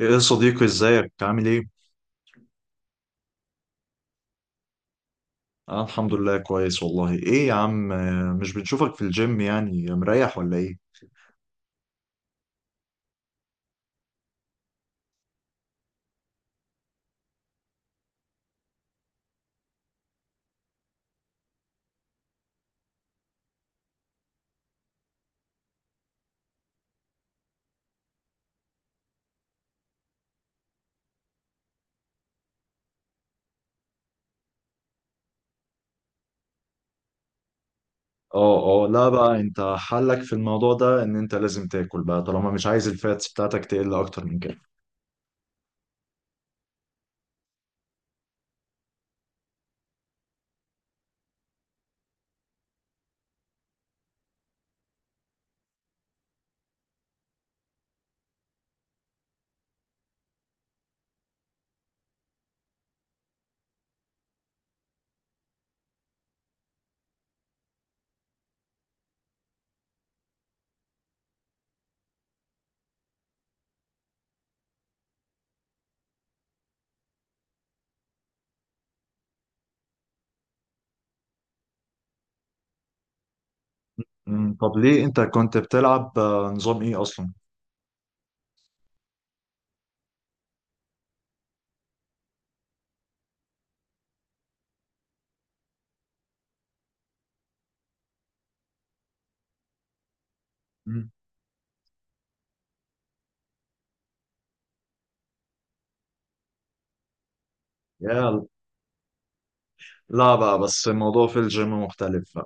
ايه يا صديقي ازيك عامل ايه؟ انا الحمد لله كويس والله ايه يا عم مش بنشوفك في الجيم يعني مريح ولا ايه؟ اه اه لا بقى انت حلك في الموضوع ده ان انت لازم تاكل بقى طالما مش عايز الفاتس بتاعتك تقل اكتر من كده. مم، طب ليه انت كنت بتلعب نظام ايه اصلا؟ مم. يا لا بقى بس الموضوع في الجيم مختلف.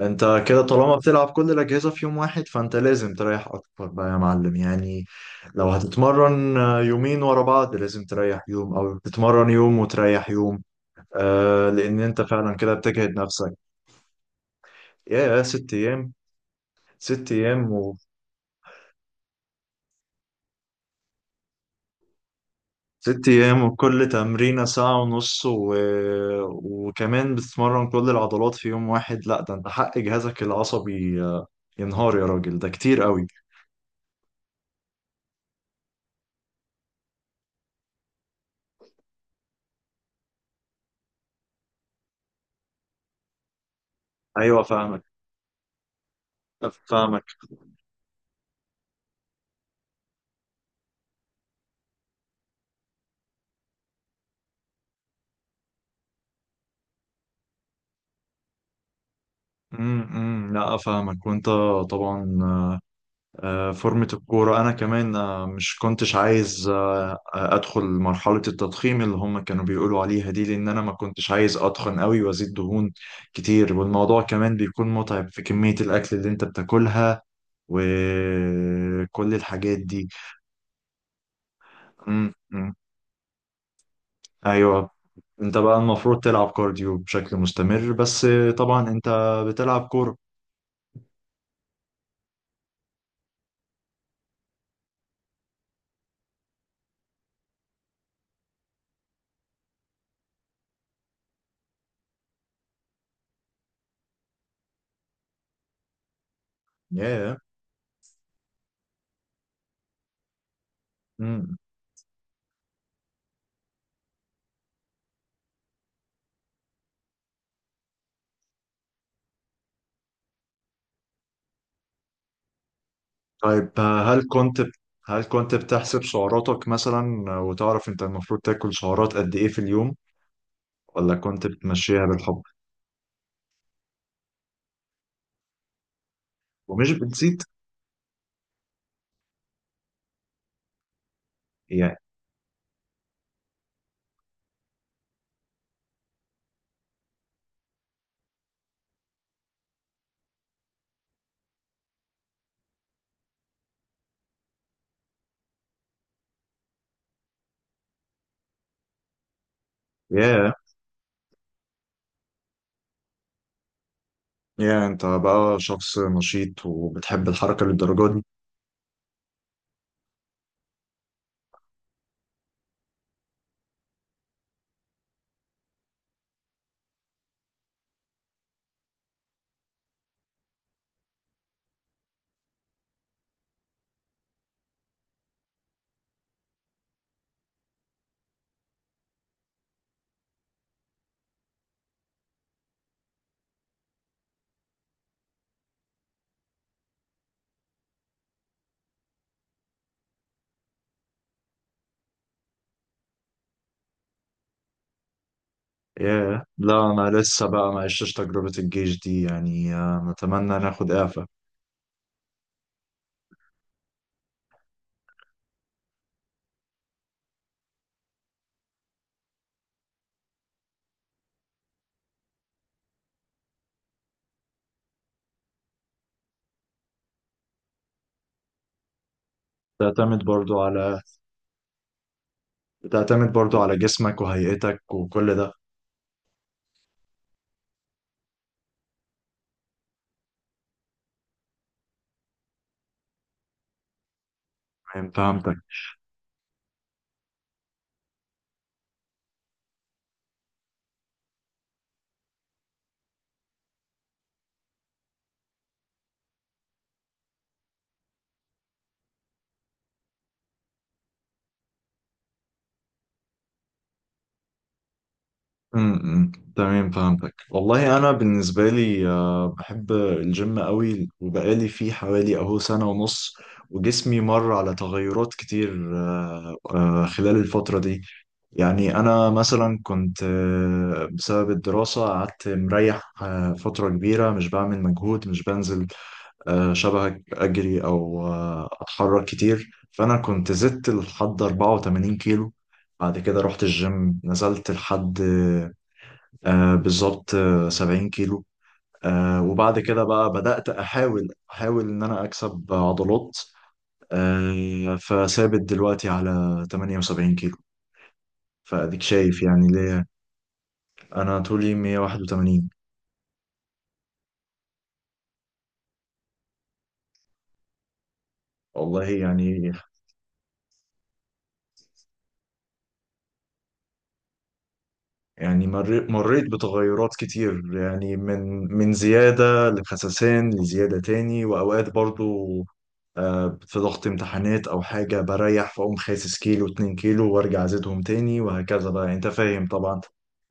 انت كده طالما بتلعب كل الاجهزه في يوم واحد فانت لازم تريح اكتر بقى يا معلم يعني. لو هتتمرن يومين ورا بعض لازم تريح يوم او تتمرن يوم وتريح يوم. آه لان انت فعلا كده بتجهد نفسك. يا ست ايام. ست ايام و ست ايام وكل تمرينه ساعه ونص و وكمان بتتمرن كل العضلات في يوم واحد. لا ده انت حق جهازك العصبي ينهار يا راجل، ده كتير قوي. ايوه فاهمك. فاهمك. لا افهمك وانت طبعا. فورمة الكورة انا كمان مش كنتش عايز ادخل مرحلة التضخيم اللي هم كانوا بيقولوا عليها دي، لان انا ما كنتش عايز اتخن قوي وازيد دهون كتير، والموضوع كمان بيكون متعب في كمية الاكل اللي انت بتاكلها وكل الحاجات دي. امم. أمم. ايوه، انت بقى المفروض تلعب كارديو بشكل مستمر بس طبعا انت بتلعب كورة. ياه. طيب هل كنت بتحسب سعراتك مثلا وتعرف انت المفروض تاكل سعرات قد ايه في اليوم؟ ولا كنت بتمشيها بالحب ومش بتزيد؟ يعني يا انت بقى شخص نشيط وبتحب الحركة للدرجة دي. يا لا، انا لسه بقى ما عشتش تجربة الجيش دي يعني، نتمنى ناخد اعفاء. بتعتمد برضو على بتعتمد برضو على جسمك وهيئتك وكل ده. فهمتك. امم، تمام، فهمتك والله. انا بالنسبه لي بحب الجيم قوي، وبقالي فيه حوالي اهو سنه ونص، وجسمي مر على تغيرات كتير خلال الفتره دي. يعني انا مثلا كنت بسبب الدراسه قعدت مريح فتره كبيره مش بعمل مجهود، مش بنزل شبهك اجري او اتحرك كتير، فانا كنت زدت لحد 84 كيلو. بعد كده رحت الجيم نزلت لحد بالظبط آه 70 كيلو. آه وبعد كده بقى بدأت أحاول إن أنا أكسب عضلات فثابت دلوقتي على 78 كيلو. فأديك شايف يعني ليه. أنا طولي 181. والله يعني. يعني مريت بتغيرات كتير يعني، من من زيادة لخسسان لزيادة تاني. وأوقات برضو في ضغط امتحانات او حاجه بريح، فاقوم خاسس كيلو اتنين كيلو وارجع ازيدهم تاني وهكذا بقى، يعني انت فاهم طبعا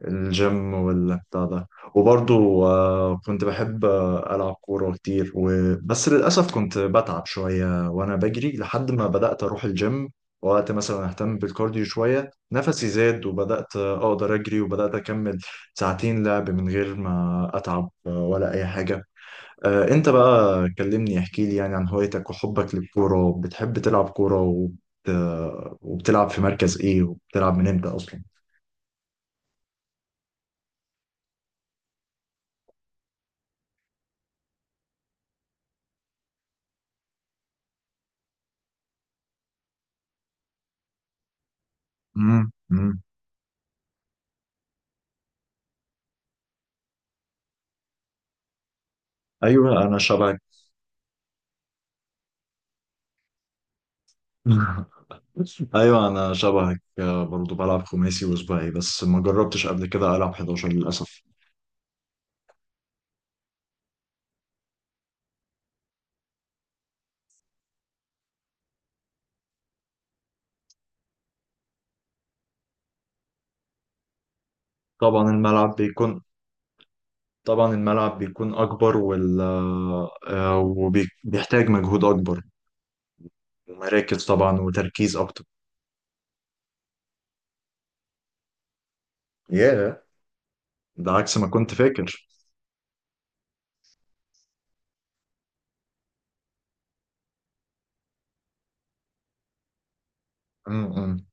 الجيم والبتاع ده. وبرضو كنت بحب العب كوره كتير و بس للاسف كنت بتعب شويه وانا بجري لحد ما بدات اروح الجيم، وقت مثلا اهتم بالكارديو شويه نفسي زاد وبدات اقدر اجري وبدات اكمل ساعتين لعب من غير ما اتعب ولا اي حاجه. انت بقى كلمني احكي لي يعني عن هوايتك وحبك للكورة. بتحب تلعب كورة وبت وبتلعب في مركز ايه وبتلعب من امتى اصلا؟ امم. امم. ايوه، انا شبهك. ايوه انا شبهك برضو بلعب خماسي وسباعي بس ما جربتش قبل كده العب 11 للاسف. طبعا الملعب بيكون طبعا الملعب بيكون اكبر وال آه، وبيحتاج مجهود اكبر، ومراكز طبعا، وتركيز اكتر. ياه، ده عكس ما كنت فاكر. امم.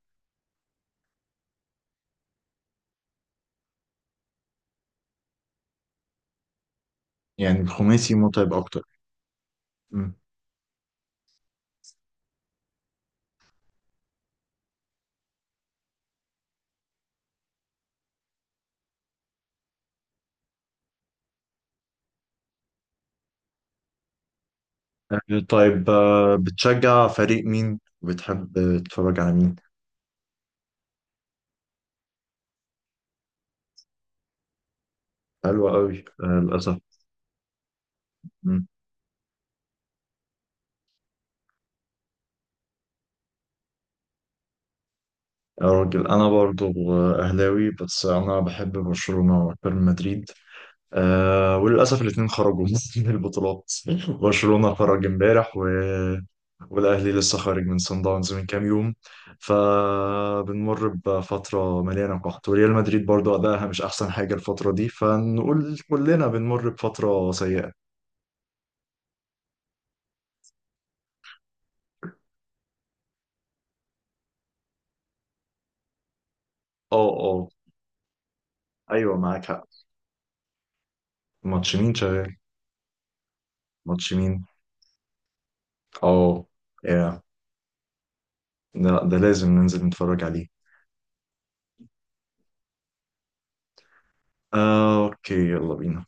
يعني الخماسي متعب أكتر. مم. طيب بتشجع فريق مين وبتحب تتفرج على مين؟ حلوة قوي. للأسف. مم. يا راجل أنا برضو أهلاوي، بس أنا بحب برشلونة وأكتر من مدريد. أه، وللأسف الاتنين خرجوا من البطولات. برشلونة خرج امبارح، والأهلي لسه خارج من صن داونز من كام يوم، فبنمر بفترة مليانة قحط. وريال مدريد برضو أدائها مش أحسن حاجة الفترة دي، فنقول كلنا بنمر بفترة سيئة. اه اه. أيوة معاك حق. ماتش مين شغال؟ ماتش مين؟ اه. يا، ده لازم ننزل نتفرج عليه. أوكي، يلا بينا.